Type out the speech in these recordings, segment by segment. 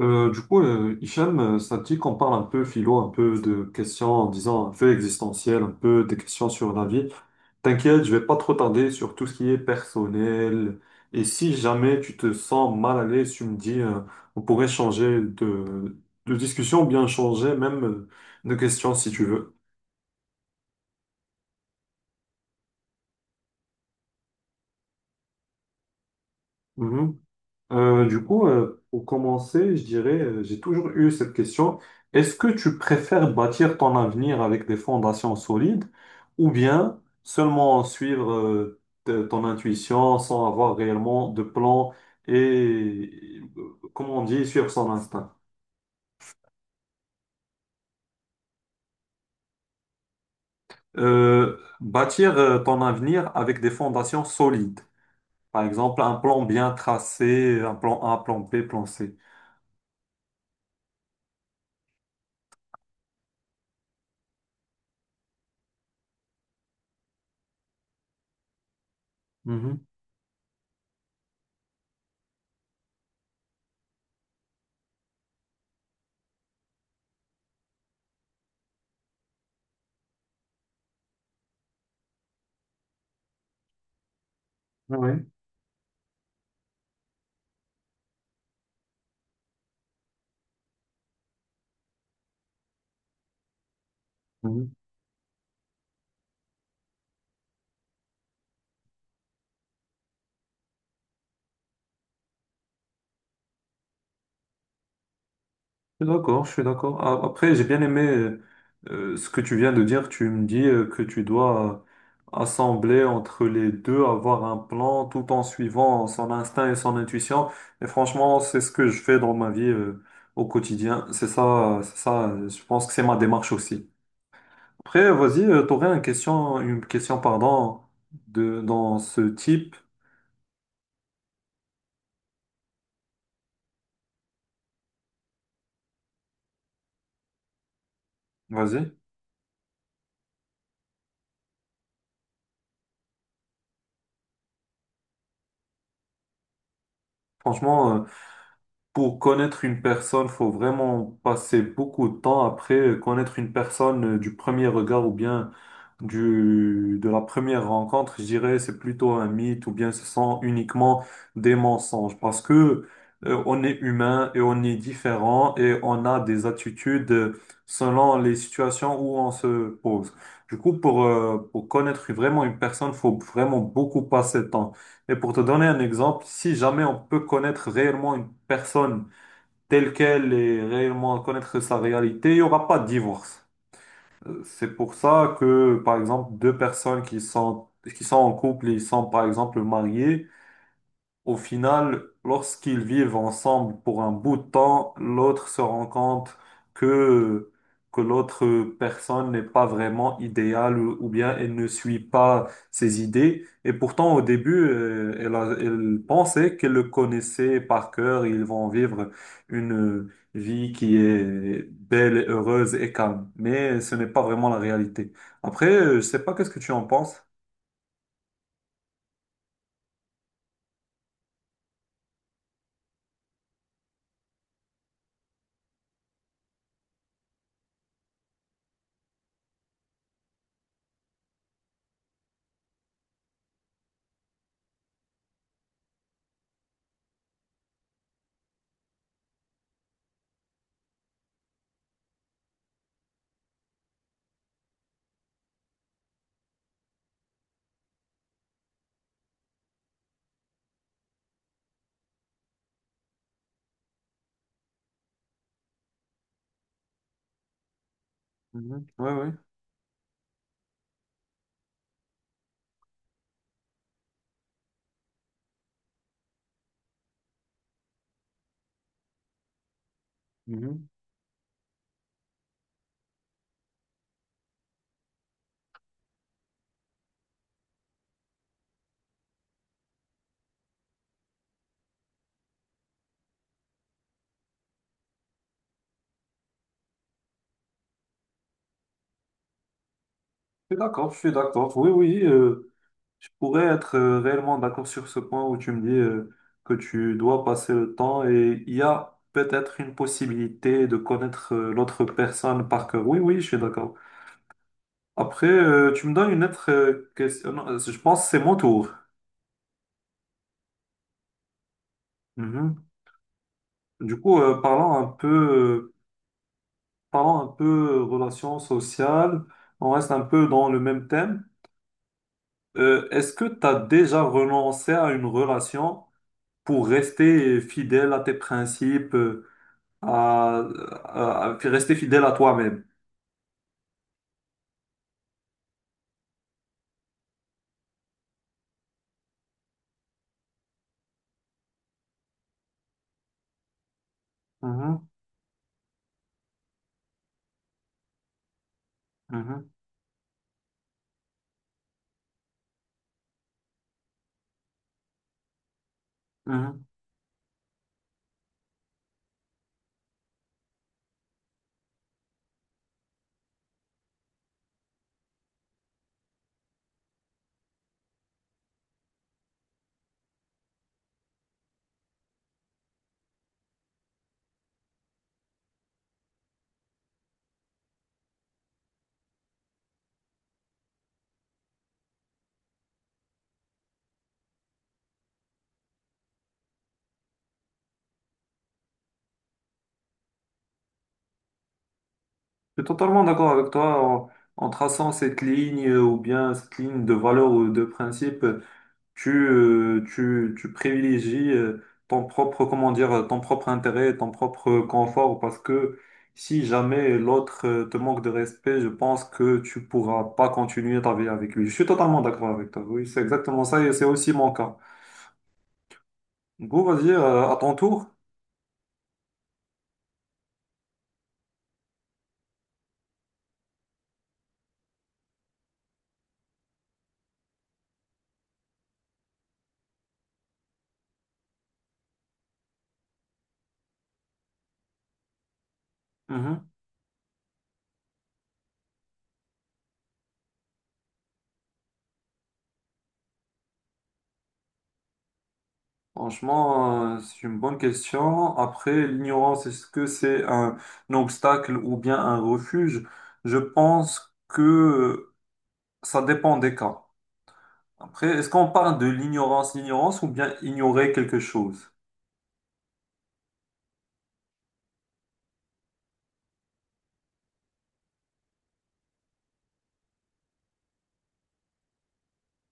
Hicham, ça te dit qu'on parle un peu philo, un peu de questions, en disant un peu existentielles, un peu des questions sur la vie. T'inquiète, je vais pas trop tarder sur tout ce qui est personnel. Et si jamais tu te sens mal à l'aise, tu me dis, on pourrait changer de discussion ou bien changer même de question si tu veux. Mhm. Pour commencer, je dirais, j'ai toujours eu cette question. Est-ce que tu préfères bâtir ton avenir avec des fondations solides ou bien seulement suivre ton intuition sans avoir réellement de plan et, comment on dit, suivre son instinct? Bâtir ton avenir avec des fondations solides. Par exemple, un plan bien tracé, un plan A, plan B, plan C. Mhm. Ah, ouais. Je suis d'accord, je suis d'accord. Après, j'ai bien aimé ce que tu viens de dire. Tu me dis que tu dois assembler entre les deux, avoir un plan tout en suivant son instinct et son intuition. Et franchement, c'est ce que je fais dans ma vie au quotidien. C'est ça, c'est ça. Je pense que c'est ma démarche aussi. Après, vas-y, t'aurais une question, pardon, de dans ce type. Vas-y. Franchement, pour connaître une personne, faut vraiment passer beaucoup de temps. Après, connaître une personne du premier regard ou bien de la première rencontre, je dirais, c'est plutôt un mythe ou bien ce sont uniquement des mensonges parce que on est humain et on est différent et on a des attitudes selon les situations où on se pose. Du coup, pour connaître vraiment une personne, faut vraiment beaucoup passer de temps. Et pour te donner un exemple, si jamais on peut connaître réellement une personne telle qu'elle et réellement connaître sa réalité, il n'y aura pas de divorce. C'est pour ça que, par exemple, deux personnes qui sont en couple et ils sont, par exemple, mariées au final, lorsqu'ils vivent ensemble pour un bout de temps, l'autre se rend compte que, que l'autre personne n'est pas vraiment idéale ou bien elle ne suit pas ses idées. Et pourtant, au début, elle pensait qu'elle le connaissait par cœur. Ils vont vivre une vie qui est belle, et heureuse et calme. Mais ce n'est pas vraiment la réalité. Après, je sais pas qu'est-ce que tu en penses. Mhm. Oui, oui. Mhm. Je suis d'accord, je suis d'accord. Oui, oui. Je pourrais être réellement d'accord sur ce point où tu me dis que tu dois passer le temps et il y a peut-être une possibilité de connaître l'autre personne par cœur. Oui, oui, je suis d'accord. Après, tu me donnes une autre question. Non, je pense que c'est mon tour. Mhm. Du coup, euh, parlons un peu, euh, Parlons un peu relations sociales. On reste un peu dans le même thème. Est-ce que tu as déjà renoncé à une relation pour rester fidèle à tes principes? À, à rester fidèle à toi-même. Mhm, mhm, mhm. Je suis totalement d'accord avec toi. En traçant cette ligne ou bien cette ligne de valeur ou de principe, tu privilégies ton propre, comment dire, ton propre intérêt, ton propre confort, parce que si jamais l'autre te manque de respect, je pense que tu pourras pas continuer ta vie avec lui. Je suis totalement d'accord avec toi. Oui, c'est exactement ça et c'est aussi mon cas. Du coup, vas-y, à ton tour. Franchement, c'est une bonne question. Après, l'ignorance, est-ce que c'est un obstacle ou bien un refuge? Je pense que ça dépend des cas. Après, est-ce qu'on parle de l'ignorance, l'ignorance ou bien ignorer quelque chose?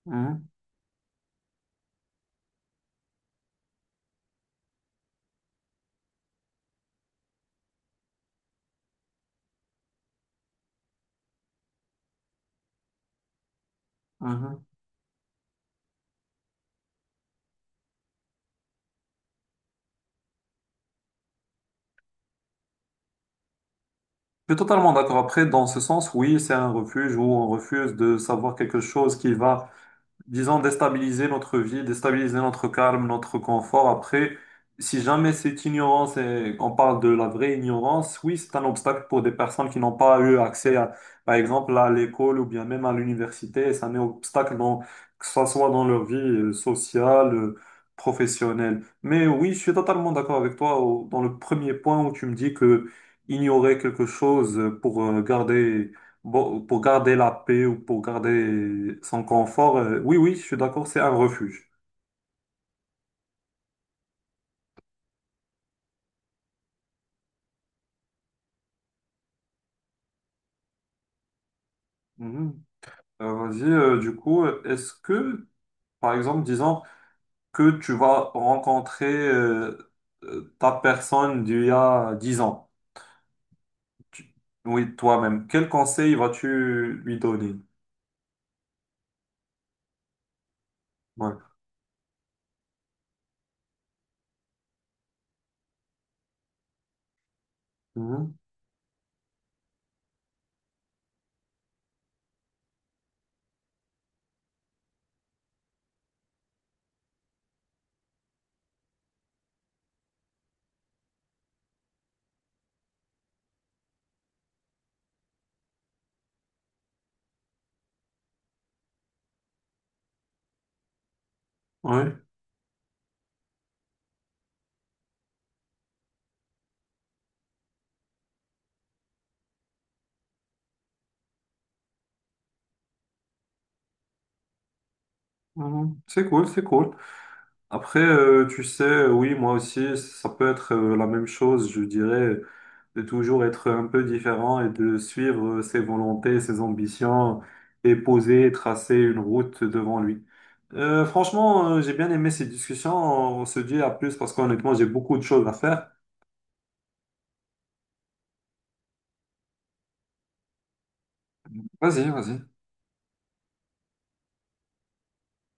Mhm, mhm. Je suis totalement d'accord. Après, dans ce sens, oui, c'est un refuge où on refuse de savoir quelque chose qui va, disons, déstabiliser notre vie, déstabiliser notre calme, notre confort. Après, si jamais cette ignorance, et on parle de la vraie ignorance, oui, c'est un obstacle pour des personnes qui n'ont pas eu accès, à, par exemple, à l'école ou bien même à l'université. Et c'est un obstacle dans, que ce soit dans leur vie sociale, professionnelle. Mais oui, je suis totalement d'accord avec toi dans le premier point où tu me dis que ignorer quelque chose pour garder, bon, pour garder la paix ou pour garder son confort, oui, oui, je suis d'accord, c'est un refuge. Mhm. Est-ce que, par exemple, disons que tu vas rencontrer ta personne d'il y a 10 ans. Tu- oui, toi-même, quel conseil vas-tu lui donner? Ouais. Mhm. Ouais. Mhm. C'est cool, c'est cool. Après, tu sais, oui, moi aussi, ça peut être la même chose, je dirais. De toujours être un peu différent et de suivre ses volontés, ses ambitions et poser, et tracer une route devant lui. Franchement, j'ai bien aimé ces discussions. On se dit à plus parce qu'honnêtement, j'ai beaucoup de choses à faire. Vas-y, vas-y.